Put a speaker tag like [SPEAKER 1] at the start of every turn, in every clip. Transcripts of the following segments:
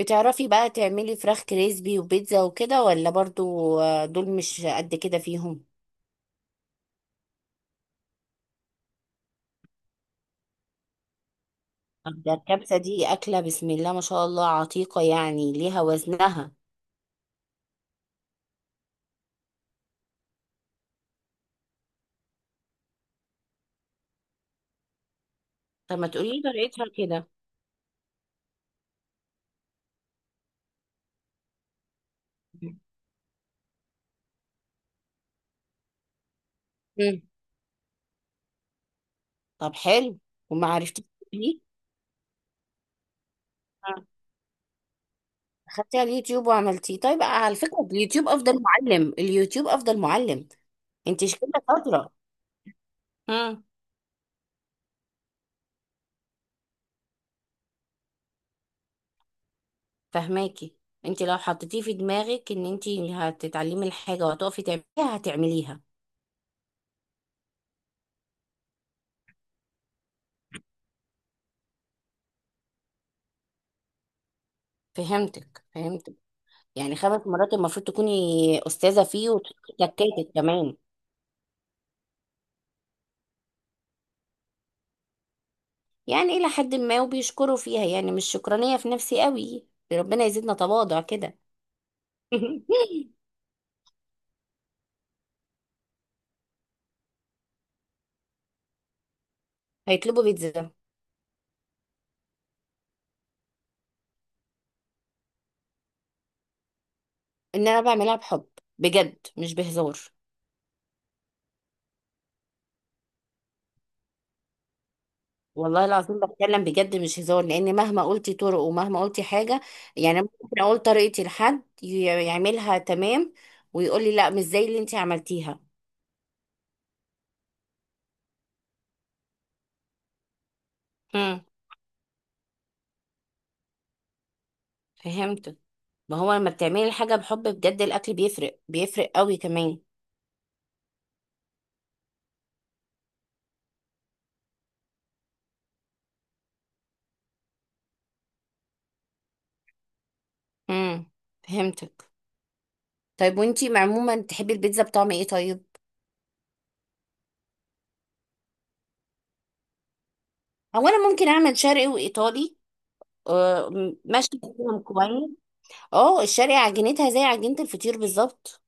[SPEAKER 1] بتعرفي بقى تعملي فراخ كريسبي وبيتزا وكده ولا برضو آه، دول مش قد كده فيهم. طب ده الكبسة دي أكلة بسم الله ما شاء الله عتيقة، يعني ليها وزنها. فما تقولي طريقتها كده. مم. طب حلو، وما عرفتيش تعمليه. آه. خدتي على اليوتيوب وعملتيه طيب، آه، على فكرة اليوتيوب أفضل معلم، اليوتيوب أفضل معلم. انت شكلك شاطرة. مم. فهماكي. انت لو حطيتيه في دماغك ان انت هتتعلمي الحاجة وهتقفي تعمليها هتعمليها. فهمتك. يعني خمس مرات المفروض تكوني استاذه فيه وتكاتك كمان. يعني الى حد ما وبيشكروا فيها، يعني مش شكرانيه في نفسي قوي. ربنا يزيدنا تواضع كده. هيطلبوا بيتزا. ان انا بعملها بحب، بجد مش بهزار. والله العظيم بتكلم بجد مش هزار، لان مهما قلتي طرق ومهما قلتي حاجه، يعني ممكن اقول طريقتي لحد يعملها تمام ويقول لي لا مش زي اللي انت عملتيها. امم، فهمت. ما هو لما بتعملي الحاجة بحب بجد الأكل بيفرق، بيفرق قوي كمان. امم، فهمتك. طيب وانتي عموما تحبي البيتزا بطعم ايه طيب؟ هو انا ممكن اعمل شرقي وايطالي. آه، ماشي فيهم كويس. اه الشرقي عجينتها زي عجينة الفطير بالظبط.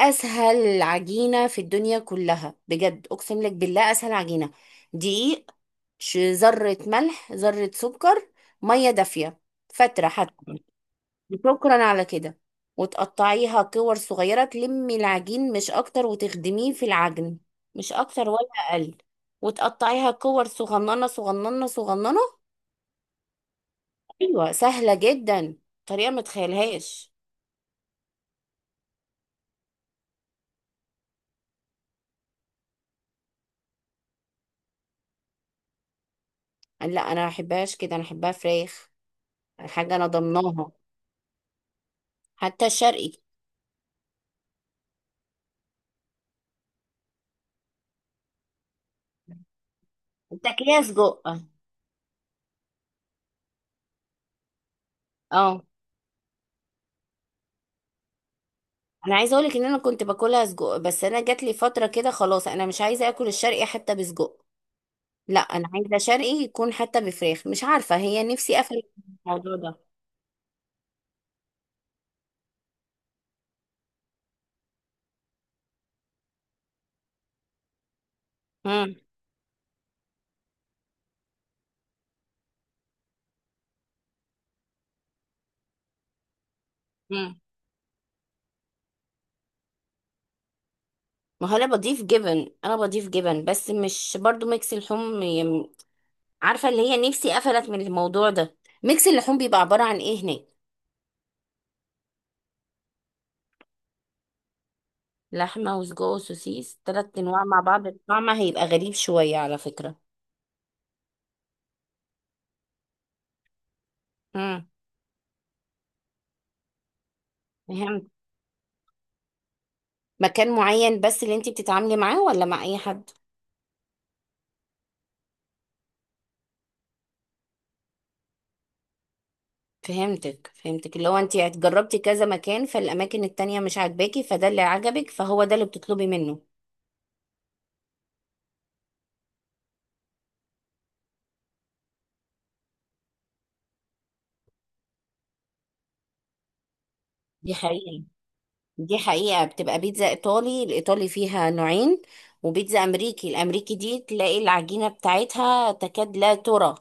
[SPEAKER 1] اسهل عجينة في الدنيا كلها، بجد اقسم لك بالله اسهل عجينة. دقيق، ذرة ملح، ذرة سكر، مية دافية، فترة حتى، شكرا على كده. وتقطعيها كور صغيرة، تلمي العجين مش أكتر، وتخدميه في العجن، مش أكتر ولا أقل. وتقطعيها كور صغننة صغننة صغننة. أيوة سهلة جدا، طريقة ما تخيلهاش. لا أنا ما بحبهاش كده، أنا بحبها فراخ، حاجة أنا ضمناها. حتى الشرقي. بتاكليها سجق. اه انا عايزه اقولك ان انا كنت باكلها سجق، بس انا جات لي فتره كده خلاص انا مش عايزه اكل الشرقي حتى بسجق. لا انا عايزه شرقي يكون حتى بفراخ، مش عارفه هي نفسي افهم الموضوع ده. امم، امم. ما هو انا بضيف جبن، انا بضيف جبن، بس مش برضو ميكس اللحوم عارفه، اللي هي نفسي قفلت من الموضوع ده. ميكس اللحوم بيبقى عباره عن ايه هناك؟ لحمه وسجق وسوسيس ثلاث انواع مع بعض، الطعم هيبقى غريب شويه على فكره. امم، فهمت. مكان معين بس اللي انت بتتعاملي معاه ولا مع اي حد؟ فهمتك. اللي هو انت جربتي كذا مكان، فالاماكن التانية مش عاجباكي، فده اللي عجبك، فهو ده اللي بتطلبي منه. دي حقيقة دي حقيقة. بتبقى بيتزا ايطالي، الايطالي فيها نوعين، وبيتزا امريكي، الامريكي دي تلاقي العجينة بتاعتها تكاد لا ترى.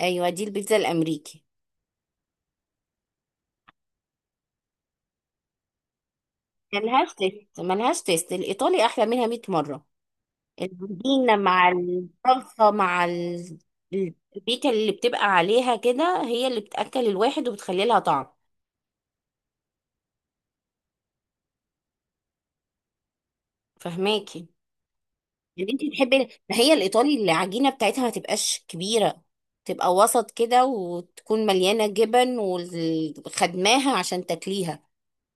[SPEAKER 1] ايوه دي البيتزا الامريكي. ملهاش تيست. الايطالي احلى منها 100 مرة. العجينة مع الصلصة مع ال- البيكة اللي بتبقى عليها كده هي اللي بتأكل الواحد وبتخلي لها طعم. فهماكي؟ يعني انت بتحبي، ما هي الايطالي العجينه بتاعتها ما تبقاش كبيره، تبقى وسط كده، وتكون مليانه جبن، وخدماها عشان تاكليها.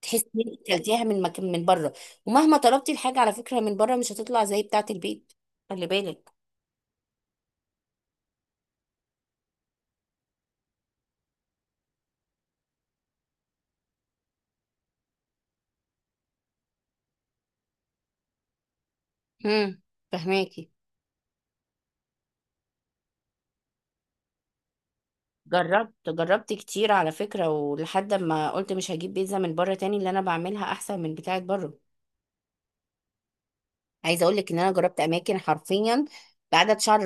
[SPEAKER 1] تحسي ان انت اكلتيها من مكان من بره، ومهما طلبتي الحاجه على فكره من بره مش هتطلع زي بتاعه البيت، خلي بالك. امم، فهماكي. جربت، جربت كتير على فكره، ولحد ما قلت مش هجيب بيتزا من بره تاني، اللي انا بعملها احسن من بتاعه بره. عايزه اقول لك ان انا جربت اماكن حرفيا بعدد شعر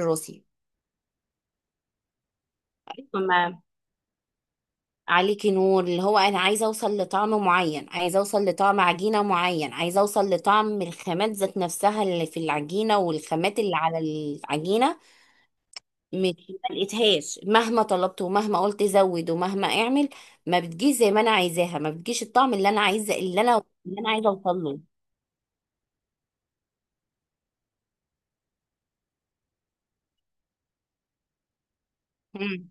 [SPEAKER 1] راسي. عليكي نور، اللي هو انا عايزه اوصل لطعم معين، عايزه اوصل لطعم عجينه معين، عايزه اوصل لطعم الخامات ذات نفسها اللي في العجينه والخامات اللي على العجينه. مش ما لقيتهاش، مهما طلبت ومهما قلت زود ومهما اعمل، ما بتجيش زي ما انا عايزاها، ما بتجيش الطعم اللي انا عايزه، اللي انا، اللي انا عايزه اوصل له. مم.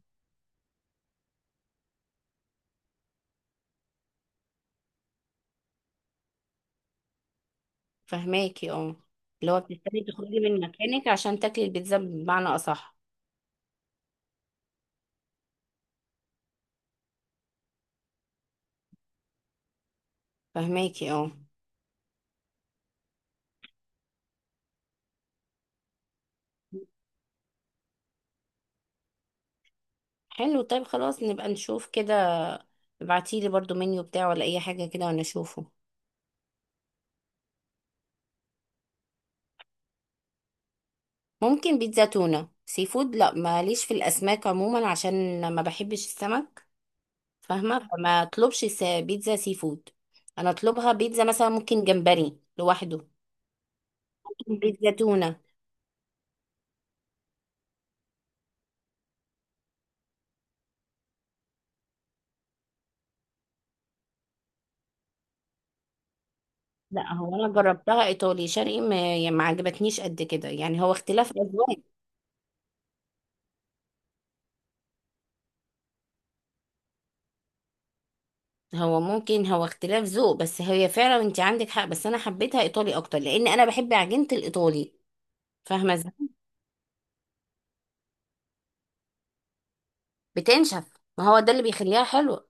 [SPEAKER 1] فهماكي اه. اللي هو بتستني تخرجي من مكانك عشان تاكلي البيتزا بمعنى اصح. فهماكي اه. حلو طيب، خلاص نبقى نشوف كده. ابعتيلي برضو منيو بتاعه ولا اي حاجة كده وانا اشوفه. ممكن بيتزا تونة، سي فود لا ماليش في الاسماك عموما عشان ما بحبش السمك. فاهمة، فما اطلبش بيتزا سي فود. انا اطلبها بيتزا مثلا ممكن جمبري لوحده، بيتزا تونة. لا هو انا جربتها ايطالي شرقي، ما يعني ما عجبتنيش قد كده، يعني هو اختلاف اذواق. هو ممكن، هو اختلاف ذوق، بس هي فعلا انت عندك حق، بس انا حبيتها ايطالي اكتر لان انا بحب عجينة الايطالي. فاهمة ازاي؟ بتنشف، ما هو ده اللي بيخليها حلوة.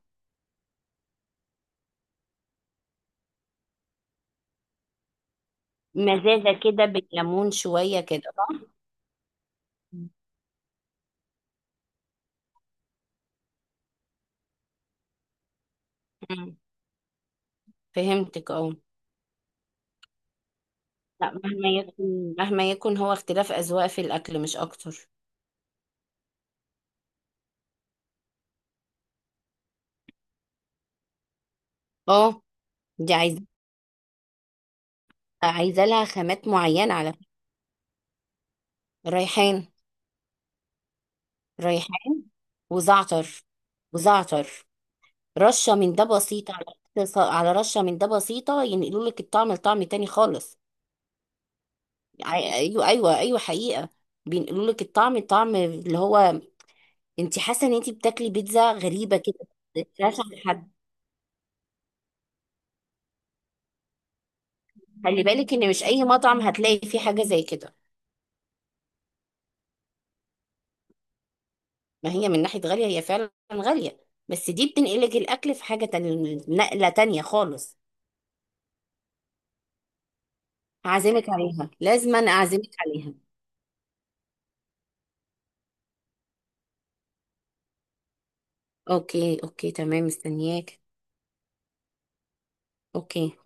[SPEAKER 1] مزازة كده بالليمون شوية كده صح. مم. فهمتك اه. لا مهما يكن، مهما يكن هو اختلاف أذواق في الأكل، مش أكتر. اه دي عايزة، عايزة لها خامات معينة على فكرة. ريحان، ريحان، وزعتر وزعتر. رشة من ده بسيطة على، على رشة من ده بسيطة ينقلوا لك الطعم لطعم تاني خالص. ايوه ايوه ايوه حقيقة. بينقلوا لك الطعم، الطعم اللي هو انت حاسه ان انت بتاكلي بيتزا غريبه كده، مش عند حد. خلي بالك ان مش اي مطعم هتلاقي فيه حاجه زي كده. ما هي من ناحيه غاليه هي فعلا غاليه، بس دي بتنقلك الاكل في حاجه تانية، نقله تانية خالص. هعزمك عليها، لازم انا اعزمك عليها. اوكي اوكي تمام، مستنياك اوكي.